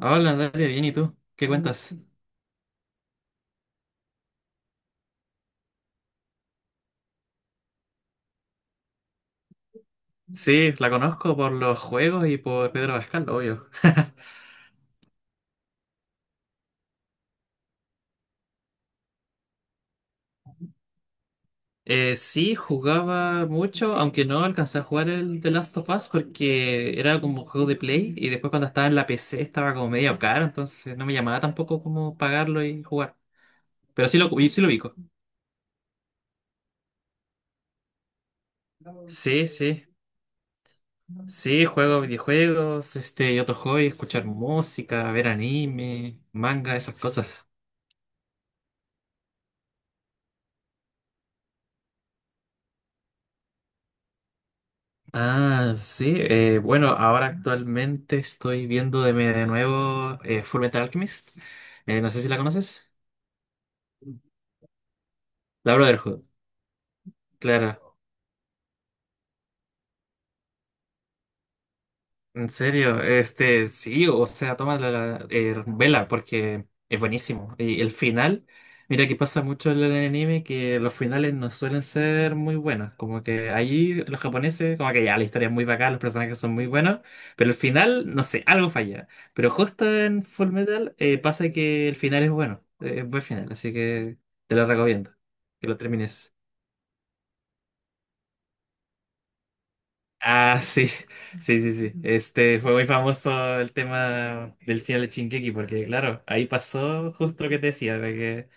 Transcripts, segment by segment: Hola, Natalia, bien, ¿y tú? ¿Qué cuentas? Sí, la conozco por los juegos y por Pedro Pascal, obvio. Sí, jugaba mucho, aunque no alcancé a jugar el The Last of Us porque era como un juego de Play y después cuando estaba en la PC estaba como medio caro, entonces no me llamaba tampoco como pagarlo y jugar. Pero y sí lo ubico. Sí, sí. Sí, juego videojuegos, este y otro hobby, escuchar música, ver anime, manga, esas cosas. Ah, sí. Bueno, ahora actualmente estoy viendo de nuevo, Fullmetal Alchemist. No sé si la conoces. La Brotherhood, claro. En serio, este, sí, o sea, toma la, vela porque es buenísimo. Y el final, mira que pasa mucho en el anime que los finales no suelen ser muy buenos. Como que ahí los japoneses, como que ya la historia es muy bacán, los personajes son muy buenos, pero el final, no sé, algo falla. Pero justo en Fullmetal pasa que el final es bueno, es buen final, así que te lo recomiendo, que lo termines. Ah, sí, sí, sí, sí. Este fue muy famoso el tema del final de Shingeki, porque claro, ahí pasó justo lo que te decía, de que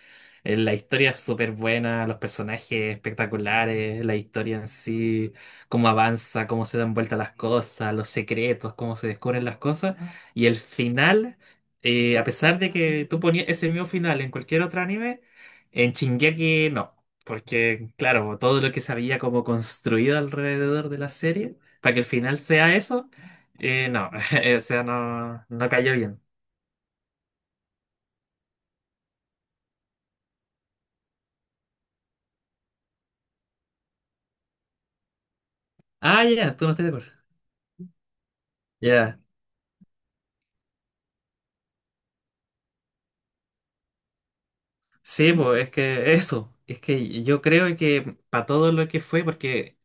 la historia es súper buena, los personajes espectaculares, la historia en sí, cómo avanza, cómo se dan vuelta las cosas, los secretos, cómo se descubren las cosas, y el final, a pesar de que tú ponías ese mismo final en cualquier otro anime, en Shingeki no. Porque, claro, todo lo que se había como construido alrededor de la serie, para que el final sea eso, no, o sea, no, no cayó bien. Ah, ya, tú no estás de acuerdo. Ya, sí, pues es que eso, es que yo creo que para todo lo que fue, porque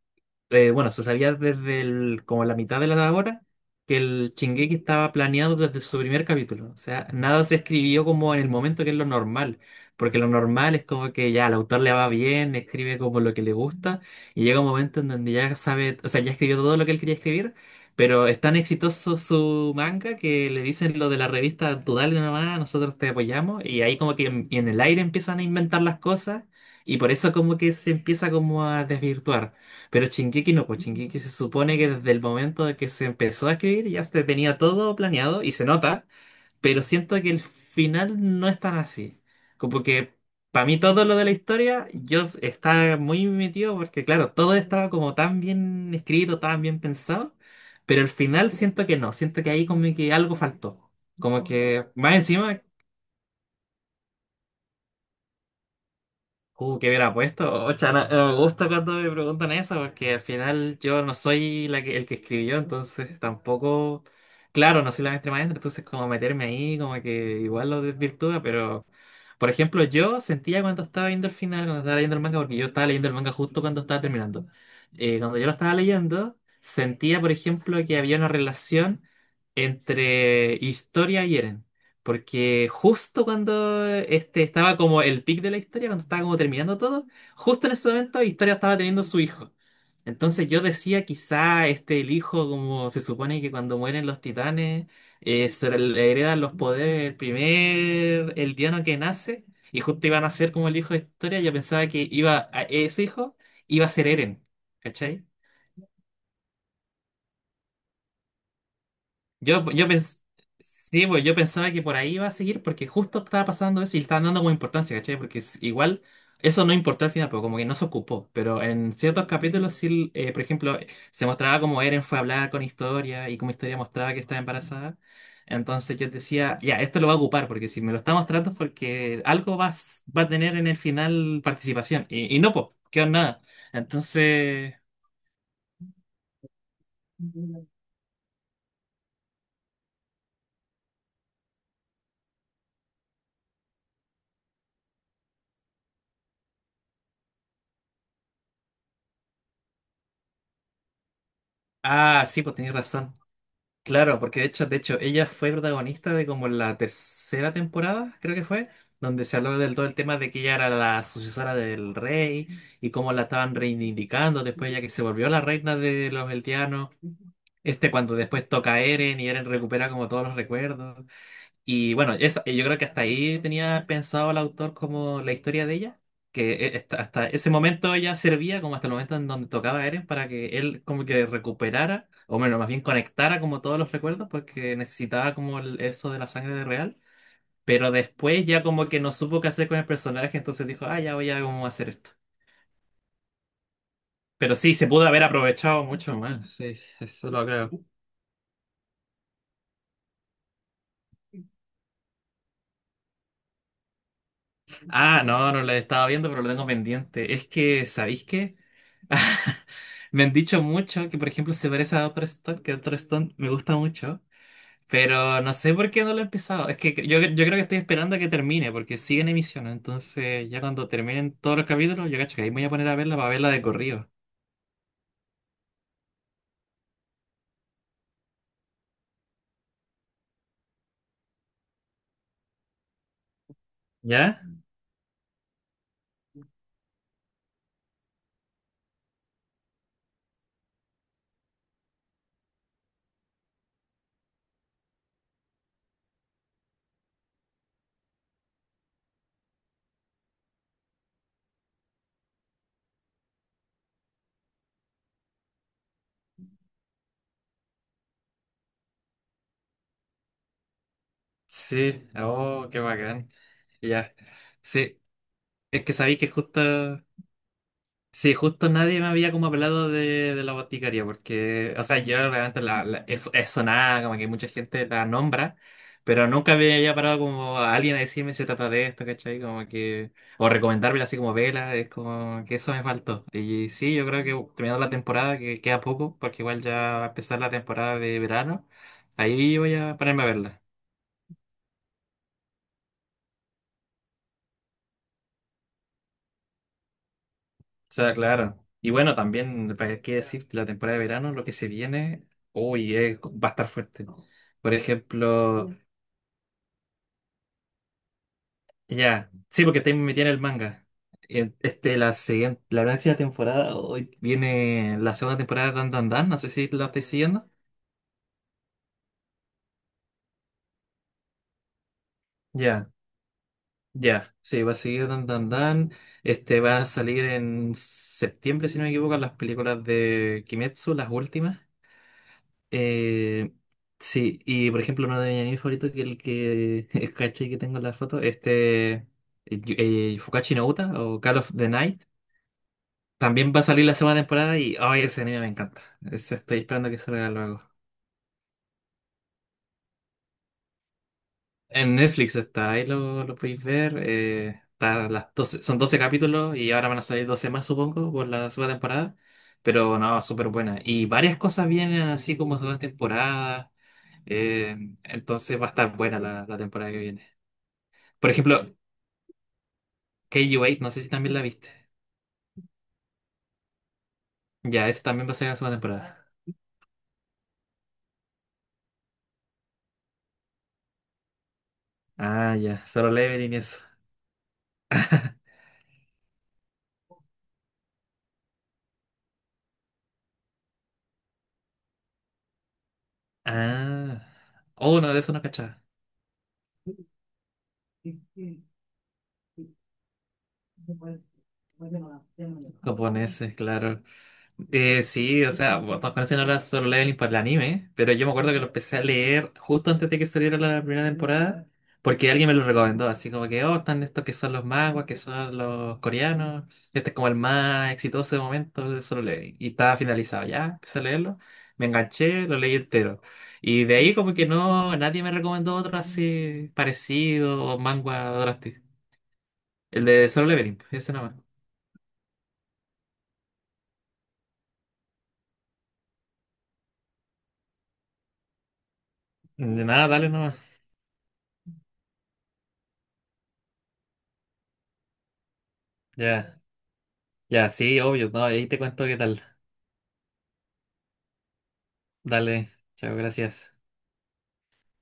bueno, se sabía desde como la mitad de la hora que el Shingeki estaba planeado desde su primer capítulo. O sea, nada se escribió como en el momento que es lo normal. Porque lo normal es como que ya el autor le va bien, escribe como lo que le gusta, y llega un momento en donde ya sabe, o sea, ya escribió todo lo que él quería escribir, pero es tan exitoso su manga que le dicen lo de la revista, tú dale nomás, nosotros te apoyamos, y ahí como que en, y en el aire empiezan a inventar las cosas, y por eso como que se empieza como a desvirtuar. Pero Shingeki no, pues Shingeki se supone que desde el momento de que se empezó a escribir ya se tenía todo planeado y se nota, pero siento que el final no es tan así. Como que para mí todo lo de la historia estaba muy metido porque claro, todo estaba como tan bien escrito, tan bien pensado, pero el final siento que no, siento que ahí como que algo faltó. Como que más encima. ¿Qué hubiera puesto? Ocha, no, no me gusta cuando me preguntan eso, porque al final yo no soy el que escribió, entonces tampoco, claro, no soy la maestra maestra, entonces como meterme ahí, como que igual lo desvirtúa, pero por ejemplo, yo sentía cuando estaba viendo el final, cuando estaba leyendo el manga, porque yo estaba leyendo el manga justo cuando estaba terminando. Cuando yo lo estaba leyendo, sentía, por ejemplo, que había una relación entre historia y Eren. Porque justo cuando este estaba como el pic de la historia, cuando estaba como terminando todo, justo en ese momento Historia estaba teniendo su hijo. Entonces yo decía, quizá este el hijo, como se supone que cuando mueren los titanes, se le heredan los poderes el primer el diano que nace, y justo iba a nacer como el hijo de Historia, yo pensaba que iba a ese hijo iba a ser Eren, ¿cachai? Yo sí, pues yo pensaba que por ahí iba a seguir porque justo estaba pasando eso y le estaban dando como importancia, ¿cachai? Porque igual eso no importó al final, pero como que no se ocupó. Pero en ciertos capítulos sí, por ejemplo, se mostraba como Eren fue a hablar con Historia y como Historia mostraba que estaba embarazada. Entonces yo decía, ya, esto lo va a ocupar porque si me lo está mostrando es porque algo va a tener en el final participación. Y no, pues, quedó en nada. Entonces, ah, sí, pues tenías razón. Claro, porque de hecho, ella fue protagonista de como la tercera temporada, creo que fue, donde se habló del todo el tema de que ella era la sucesora del rey y cómo la estaban reivindicando después ya que se volvió la reina de los Eldianos. Este cuando después toca a Eren y Eren recupera como todos los recuerdos. Y bueno, yo creo que hasta ahí tenía pensado el autor como la historia de ella, que hasta ese momento ella servía como hasta el momento en donde tocaba a Eren para que él como que recuperara, o bueno, más bien conectara como todos los recuerdos porque necesitaba como eso de la sangre de real, pero después ya como que no supo qué hacer con el personaje, entonces dijo, ah, ya voy a cómo hacer esto. Pero sí, se pudo haber aprovechado mucho más, sí, eso lo creo. Ah, no, no la estaba viendo, pero lo tengo pendiente. Es que, ¿sabéis qué? Me han dicho mucho que, por ejemplo, se parece a Doctor Stone, que Doctor Stone me gusta mucho, pero no sé por qué no lo he empezado. Es que yo creo que estoy esperando a que termine, porque sigue en emisión, entonces ya cuando terminen todos los capítulos, yo cacho que ahí me voy a poner a verla para verla de corrido. ¿Ya? Sí, oh, qué bacán. Ya. Sí, es que sabéis que justo. Sí, justo nadie me había como hablado de la boticaria, porque, o sea, yo realmente la, es sonada, como que mucha gente la nombra, pero nunca me había parado como a alguien a decirme se trata de esto, ¿cachai? Como que, o recomendármela así como vela, es como que eso me faltó. Y sí, yo creo que terminando la temporada, que queda poco, porque igual ya va a empezar la temporada de verano, ahí voy a ponerme a verla. O sea, claro. Y bueno, también, ¿para qué decir? La temporada de verano, lo que se viene, uy, va a estar fuerte. Por ejemplo, ya, sí, porque te metí en el manga. Este, la siguiente, la próxima temporada, hoy viene la segunda temporada de Dan Dan Dan, no sé si la estoy siguiendo. Ya, ya, sí, va a seguir Dan Dan Dan. Este, va a salir en septiembre, si no me equivoco, las películas de Kimetsu, las últimas. Eh, sí, y por ejemplo, uno de mis animes favoritos, que el que caché que tengo en la foto, este Fukashi no Uta o Call of the Night, también va a salir la segunda temporada y ay, ese anime me encanta. Ese estoy esperando que salga luego. En Netflix está, ahí lo podéis ver. Está las 12 son 12 capítulos y ahora van a salir 12 más, supongo, por la segunda temporada. Pero no, súper buena. Y varias cosas vienen así como segunda temporada. eh, entonces va a estar buena la temporada que viene. Por ejemplo, KU8, no sé si también la viste. Ya, esa también va a ser la segunda temporada. Ah, ya, Solo Leveling y eso. Ah. Oh, no, de eso no cachaba. Japoneses, claro. Sí, o sea, bueno, todos conocen ahora Solo Leveling por el anime, pero yo me acuerdo que lo empecé a leer justo antes de que saliera la primera temporada, porque alguien me lo recomendó, así como que, oh, están estos que son los manguas, que son los coreanos, este es como el más exitoso de momento de Solo Leveling, y estaba finalizado ya, empecé a leerlo, me enganché, lo leí entero, y de ahí como que no, nadie me recomendó otro así parecido o manga drástico, el de Solo Leveling, ese nomás. De nada, dale nomás. Ya, ya, sí, obvio, no, ahí te cuento qué tal. Dale, chao, gracias.